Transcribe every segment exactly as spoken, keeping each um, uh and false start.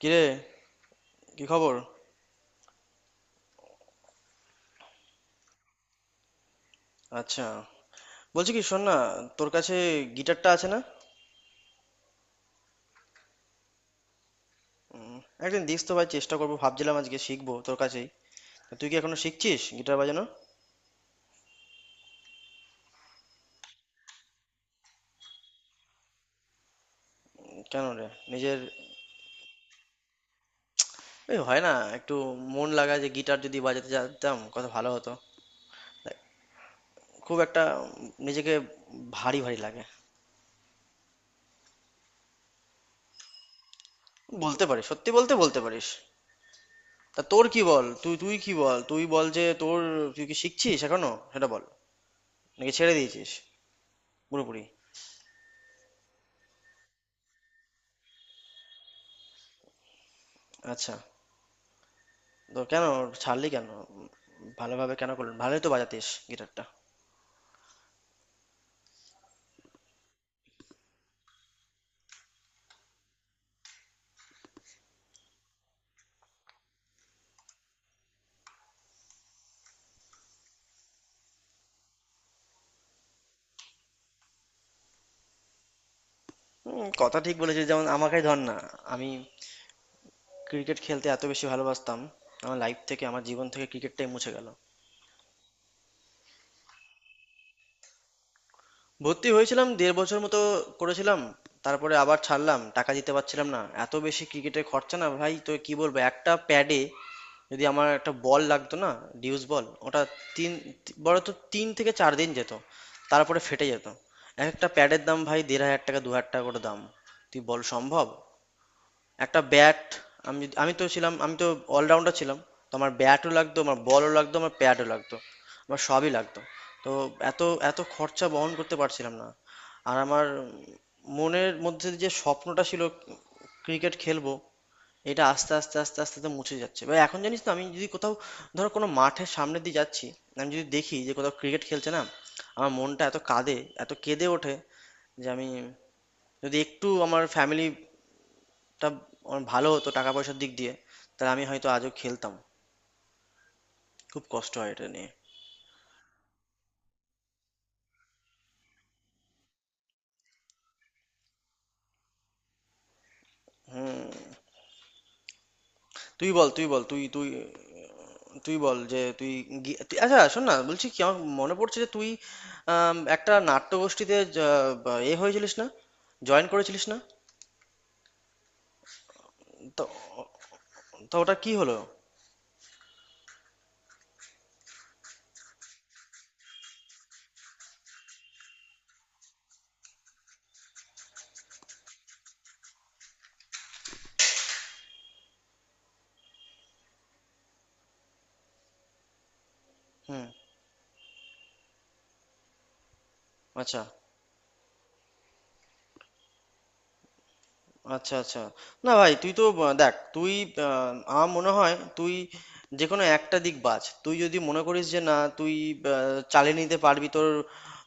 কিরে, কি খবর? আচ্ছা, বলছি কি, শোন না, তোর কাছে গিটারটা আছে না? উম, একদিন দিস তো ভাই, চেষ্টা করবো, ভাবছিলাম আজকে শিখবো তোর কাছেই। তা তুই কি এখনো শিখছিস গিটার বাজানো? কেন রে? নিজের... এই হয় না একটু মন লাগা, যে গিটার যদি বাজাতে জানতাম কত ভালো হতো। দেখ, খুব একটা উম, নিজেকে ভারী ভারী লাগে। বলতে পারিস, সত্যি বলতে বলতে পারিস। তা তোর কি বল, তুই তুই কি বল, তুই বল যে তোর... তুই কি শিখছিস এখনো, সেটা বল, নাকি ছেড়ে দিয়েছিস পুরোপুরি? আচ্ছা, তো কেন ছাড়লি কেন? উম, ভালোভাবে কেন করলেন, ভালোই তো বাজাতিস গিটারটা। হুম, কথা ঠিক বলেছিস। যেমন আমাকেই ধর না, আমি ক্রিকেট খেলতে এত বেশি ভালোবাসতাম, আমার লাইফ থেকে, আমার জীবন থেকে ক্রিকেটটাই মুছে গেল। ভর্তি হয়েছিলাম দেড় বছর মতো করেছিলাম, তারপরে আবার ছাড়লাম, টাকা দিতে পারছিলাম না, এত বেশি ক্রিকেটে খরচা। না ভাই তো কি বলবো, একটা প্যাডে... যদি আমার একটা বল লাগতো না, ডিউস বল ওটা, তিন... বড় তো তিন থেকে চার দিন যেত, তারপরে ফেটে যেত। এক একটা প্যাডের দাম ভাই দেড় হাজার টাকা, দু হাজার টাকা করে দাম। তুই বল সম্ভব? একটা ব্যাট, আমি যদি- আমি তো ছিলাম, আমি তো অলরাউন্ডার ছিলাম, তো আমার ব্যাটও লাগতো, আমার বলও লাগতো, আমার প্যাডও লাগতো, আমার সবই লাগতো। তো এত এত খরচা বহন করতে পারছিলাম না। আর আমার মনের মধ্যে যে স্বপ্নটা ছিল ক্রিকেট খেলবো, এটা আস্তে আস্তে আস্তে আস্তে আস্তে মুছে যাচ্ছে ভাই। এখন জানিস তো, আমি যদি কোথাও, ধরো কোনো মাঠের সামনে দিয়ে যাচ্ছি, আমি যদি দেখি যে কোথাও ক্রিকেট খেলছে, না আমার মনটা এত কাঁদে, এত কেঁদে ওঠে, যে আমি যদি একটু আমার ফ্যামিলি টা আমার ভালো হতো টাকা পয়সার দিক দিয়ে, তাহলে আমি হয়তো আজও খেলতাম। খুব কষ্ট হয় এটা নিয়ে। হুম। তুই বল, তুই বল, তুই তুই তুই বল যে তুই গি- তুই- আচ্ছা শোন না, বলছি কি, আমার মনে পড়ছে যে তুই আম, একটা নাট্যগোষ্ঠীতে জ- বা এ হয়েছিলিস না, জয়েন করেছিলিস না? তো তো ওটা কি হলো? হুম। আচ্ছা, আচ্ছা, আচ্ছা। না ভাই, তুই তো আহ, দেখ তুই আহ, আমার মনে হয় তুই যে কোনো একটা দিক বাছ। তুই যদি মনে করিস যে না, তুই আহ, চালিয়ে নিতে পারবি তোর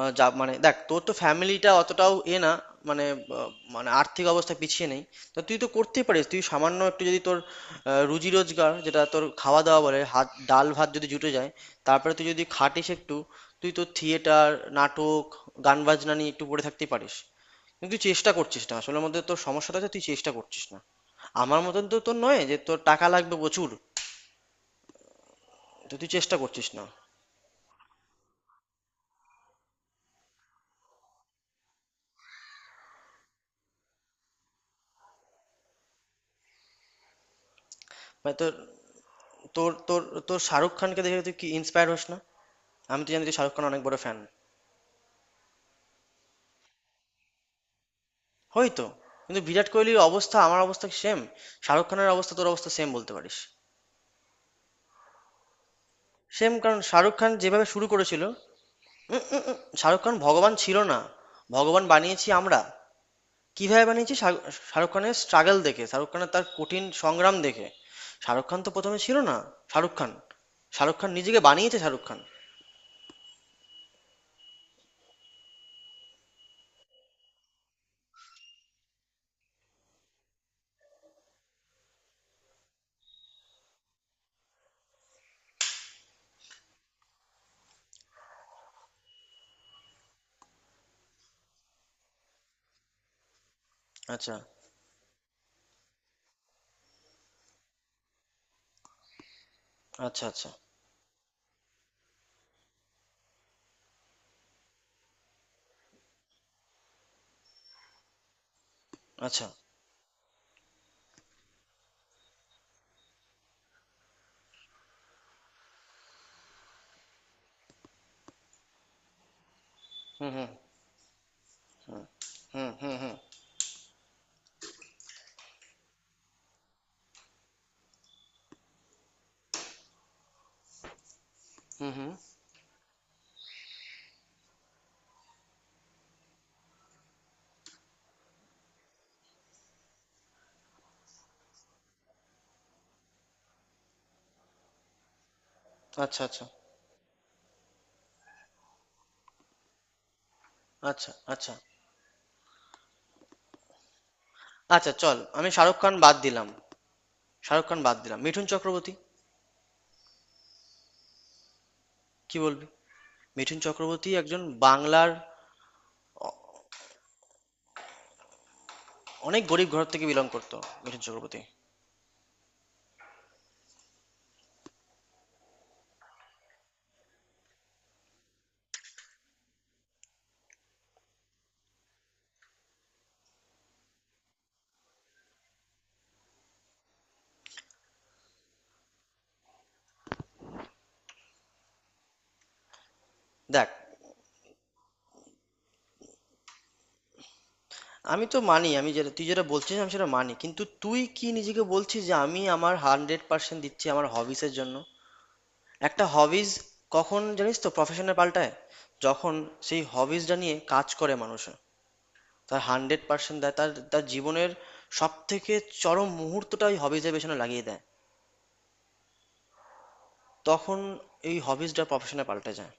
আহ, যা, মানে দেখ, তোর তো ফ্যামিলিটা অতটাও এ না, মানে আহ, মানে আর্থিক অবস্থা পিছিয়ে নেই। তো তুই তো করতেই পারিস, তুই সামান্য একটু যদি তোর আহ, রুজি রোজগার, যেটা তোর খাওয়া দাওয়া বলে, হাত, ডাল ভাত যদি জুটে যায়, তারপরে তুই যদি খাটিস একটু, তুই তো থিয়েটার, নাটক, গান বাজনা নিয়ে একটু পড়ে থাকতেই পারিস। কিন্তু তুই চেষ্টা করছিস না আসলে মধ্যে, তোর সমস্যাটা হচ্ছে তুই চেষ্টা করছিস না। আমার মতন তো তোর নয় যে তোর টাকা লাগবে প্রচুর, তো তুই চেষ্টা করছিস না। মানে তোর, তোর তোর তোর শাহরুখ খানকে দেখে তুই কি ইন্সপায়ার হোস না? আমি তো জানি তুই শাহরুখ খান অনেক বড় ফ্যান। হয়তো, কিন্তু বিরাট কোহলির অবস্থা আমার অবস্থা সেম, শাহরুখ খানের অবস্থা তোর অবস্থা সেম, বলতে পারিস। সেম, কারণ শাহরুখ খান যেভাবে শুরু করেছিল, উম, উম, উম, শাহরুখ খান ভগবান ছিল না, ভগবান বানিয়েছি আমরা। কিভাবে বানিয়েছি? শাহ- শাহরুখ খানের স্ট্রাগল দেখে, শাহরুখ খানের তার কঠিন সংগ্রাম দেখে। শাহরুখ খান তো প্রথমে ছিল না। শাহরুখ খান শাহরুখ খান নিজেকে বানিয়েছে শাহরুখ খান। আচ্ছা, আচ্ছা, আচ্ছা, আচ্ছা। হুম, হুম, হুম, হুম, হুম, হুম, হুম, হুম। আচ্ছা আচ্ছা, আচ্ছা, আচ্ছা। আচ্ছা, চল, আমি শাহরুখ খান বাদ দিলাম, শাহরুখ খান বাদ দিলাম, মিঠুন চক্রবর্তী। কি বলবি? মিঠুন চক্রবর্তী একজন বাংলার, অনেক গরিব ঘর থেকে বিলং করতো, মিঠুন চক্রবর্তী। দেখ, আমি তো মানি, আমি যেটা তুই যেটা বলছিস আমি সেটা মানি, কিন্তু তুই কি নিজেকে বলছিস যে আমি আমার হান্ড্রেড পার্সেন্ট দিচ্ছি আমার হবিসের জন্য? একটা হবিস কখন জানিস তো প্রফেশনে পাল্টায়? যখন সেই হবিসটা নিয়ে কাজ করে মানুষ, তার হান্ড্রেড পার্সেন্ট দেয়, তার তার জীবনের সব থেকে চরম মুহূর্তটা ওই হবিজের পেছনে লাগিয়ে দেয়, তখন এই হবিসটা প্রফেশনে পাল্টে যায়।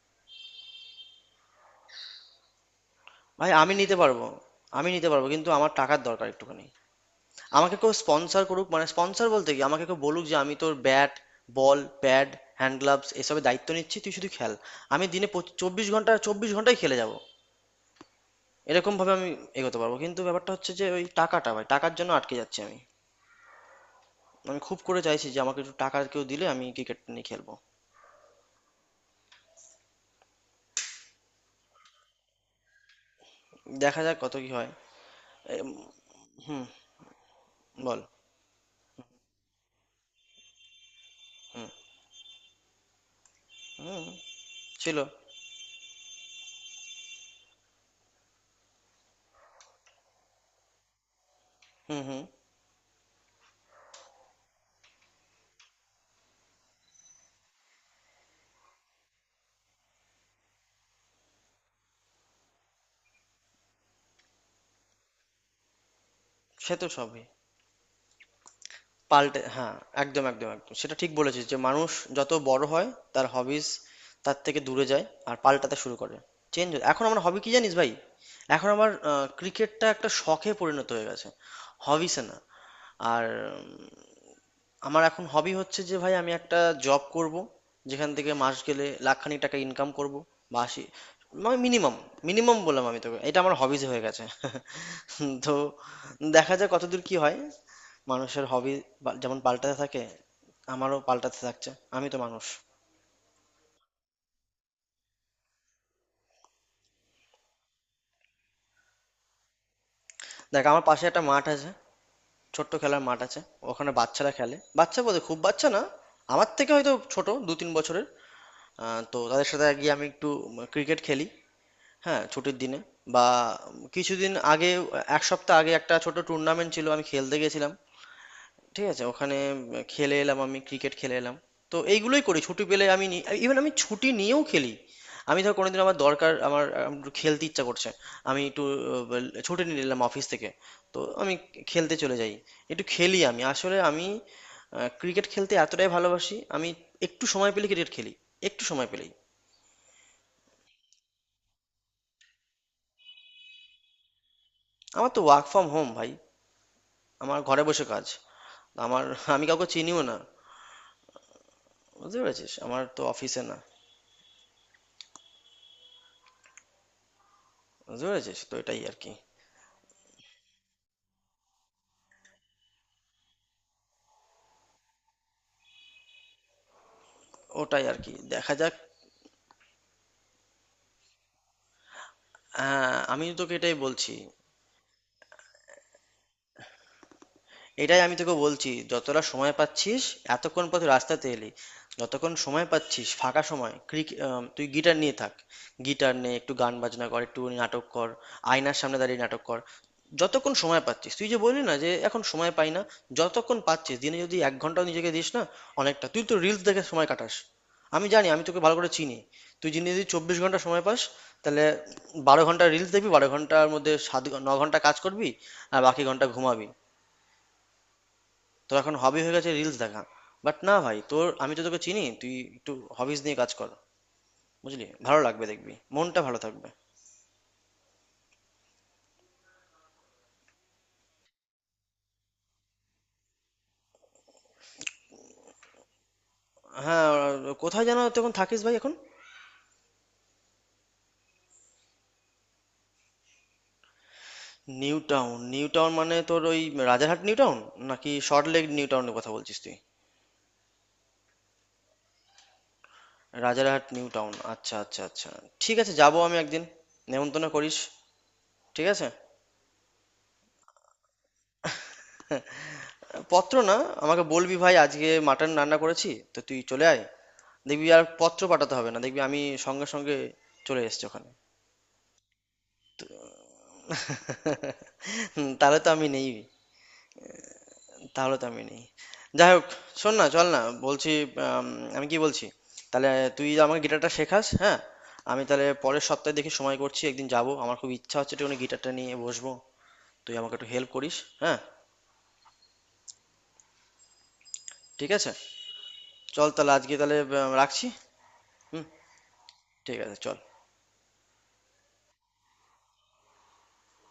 ভাই, আমি নিতে পারবো, আমি নিতে পারবো, কিন্তু আমার টাকার দরকার একটুখানি। আমাকে কেউ স্পন্সর করুক, মানে স্পন্সর বলতে কি, আমাকে কেউ বলুক যে আমি তোর bat, ball, pad, hand gloves এসবের দায়িত্ব নিচ্ছি, তুই শুধু খেল। আমি দিনে চব্বিশ ঘন্টা, চব্বিশ ঘন্টাই খেলে যাবো, এরকম ভাবে আমি এগোতে পারবো। কিন্তু ব্যাপারটা হচ্ছে যে ওই টাকাটা ভাই, টাকার জন্য আটকে যাচ্ছি আমি। আমি খুব করে চাইছি যে আমাকে একটু টাকা কেউ দিলে আমি ক্রিকেট নিয়ে খেলবো। দেখা যাক কত কি হয়। এম, হুম। বল। হুম, হুম। ছিল। হুম, হুম। সে তো সবই পাল্টে, হ্যাঁ। একদম, একদম, একদম, সেটা ঠিক বলেছিস, যে মানুষ যত বড় হয় তার হবিস তার থেকে দূরে যায় আর পাল্টাতে শুরু করে, চেঞ্জ। এখন আমার হবি কি জানিস ভাই? এখন আমার ক্রিকেটটা একটা শখে পরিণত হয়ে গেছে, হবিসে না। আর উম, আমার এখন হবি হচ্ছে যে, ভাই আমি একটা জব করব যেখান থেকে মাস গেলে লাখখানিক টাকা ইনকাম করব, বা আশি, মানে মিনিমাম, মিনিমাম বললাম আমি তোকে। এটা আমার হবিজ হয়ে গেছে তো দেখা যাক কতদূর কি হয়। মানুষের হবি যেমন পাল্টাতে থাকে, আমারও পাল্টাতে থাকছে, আমি তো মানুষ। দেখ, আমার পাশে একটা মাঠ আছে, ছোট্ট খেলার মাঠ আছে। ওখানে বাচ্চারা খেলে, বাচ্চা বলতে খুব বাচ্চা না, আমার থেকে হয়তো ছোট দু তিন বছরের। আহ, তো তাদের সাথে গিয়ে আমি একটু ক্রিকেট খেলি। হ্যাঁ, ছুটির দিনে। বা কিছুদিন আগে, এক সপ্তাহ আগে একটা ছোট টুর্নামেন্ট ছিল, আমি খেলতে গেছিলাম। ঠিক আছে, ওখানে উম, খেলে এলাম, আমি ক্রিকেট খেলে এলাম। তো এইগুলোই করি ছুটি পেলে আমি। ইভেন আমি ছুটি নিয়েও খেলি। আমি ধর কোনোদিন আমার দরকার, আমার আহ, একটু খেলতে ইচ্ছা করছে, আমি একটু আহ, বল- ছুটি নিয়ে নিলাম অফিস থেকে, তো আমি খেলতে চলে যাই, একটু খেলি আমি। আসলে আমি ক্রিকেট খেলতে এতটাই ভালোবাসি, আমি একটু সময় পেলে ক্রিকেট খেলি, একটু সময় পেলেই। আমার তো ওয়ার্ক ফ্রম হোম ভাই, আমার ঘরে বসে কাজ। আমার... আমি কাউকে চিনিও না, বুঝতে পেরেছিস? আমার তো অফিসে না। বুঝতে পেরেছিস তো, এটাই আর কি। ওটাই আর কি, দেখা যাক। হ্যাঁ, আমি তোকে এটাই বলছি। এটাই আমি তোকে বলছি, যতটা সময় পাচ্ছিস, এতক্ষণ পর তুই রাস্তাতে এলি, যতক্ষণ সময় পাচ্ছিস ফাঁকা সময়, ক্রিকেট, তুই গিটার নিয়ে থাক, গিটার নে, একটু গান বাজনা কর, একটু নাটক কর, আয়নার সামনে দাঁড়িয়ে নাটক কর। যতক্ষণ সময় পাচ্ছিস, তুই যে বললি না যে এখন সময় পাই না, যতক্ষণ পাচ্ছিস দিনে যদি এক ঘন্টাও নিজেকে দিস না, অনেকটা। তুই তো রিলস দেখে সময় কাটাস, আমি জানি, আমি তোকে ভালো করে চিনি। তুই যদি যদি চব্বিশ ঘন্টা সময় পাস, তাহলে বারো ঘন্টা রিলস দেখবি, বারো ঘন্টার মধ্যে সাত ঘ- ন ঘন্টা কাজ করবি, আর বাকি ঘন্টা ঘুমাবি। তোর এখন হবি হয়ে গেছে রিলস দেখা। বাট না ভাই, তোর... আমি তো তোকে চিনি, তুই একটু হবিস নিয়ে কাজ কর, বুঝলি, ভালো লাগবে, দেখবি মনটা ভালো থাকবে। হ্যাঁ। কোথায় যেন তুই এখন থাকিস ভাই এখন? নিউ টাউন, নিউ টাউন মানে তোর ওই রাজারহাট নিউ টাউন নাকি সল্ট লেক নিউ টাউনের কথা বলছিস তুই? রাজারহাট নিউ টাউন, আচ্ছা, আচ্ছা, আচ্ছা। ঠিক আছে, যাবো আমি একদিন, নেমন্তন্ন করিস। ঠিক আছে। পত্র না, আমাকে বলবি ভাই আজকে মাটন রান্না করেছি তো তুই চলে আয়, দেখবি আর পত্র পাঠাতে হবে না, দেখবি আমি সঙ্গে সঙ্গে চলে এসেছি ওখানে। হুম, তাহলে তো আমি নেই, তাহলে তো আমি নেই। যাই হোক, শোন না, চল না, বলছি, আম, আমি কি বলছি, তাহলে তুই আমাকে গিটারটা শেখাস, হ্যাঁ? আমি তাহলে পরের সপ্তাহে দেখি সময় করছি, একদিন যাব। আমার খুব ইচ্ছা হচ্ছে একটু গিটারটা নিয়ে বসবো, তুই আমাকে একটু হেল্প করিস। হ্যাঁ। ঠিক আছে, চল তাহলে, আজকে তাহলে আহ, রাখছি। হুম, ঠিক আছে, চল।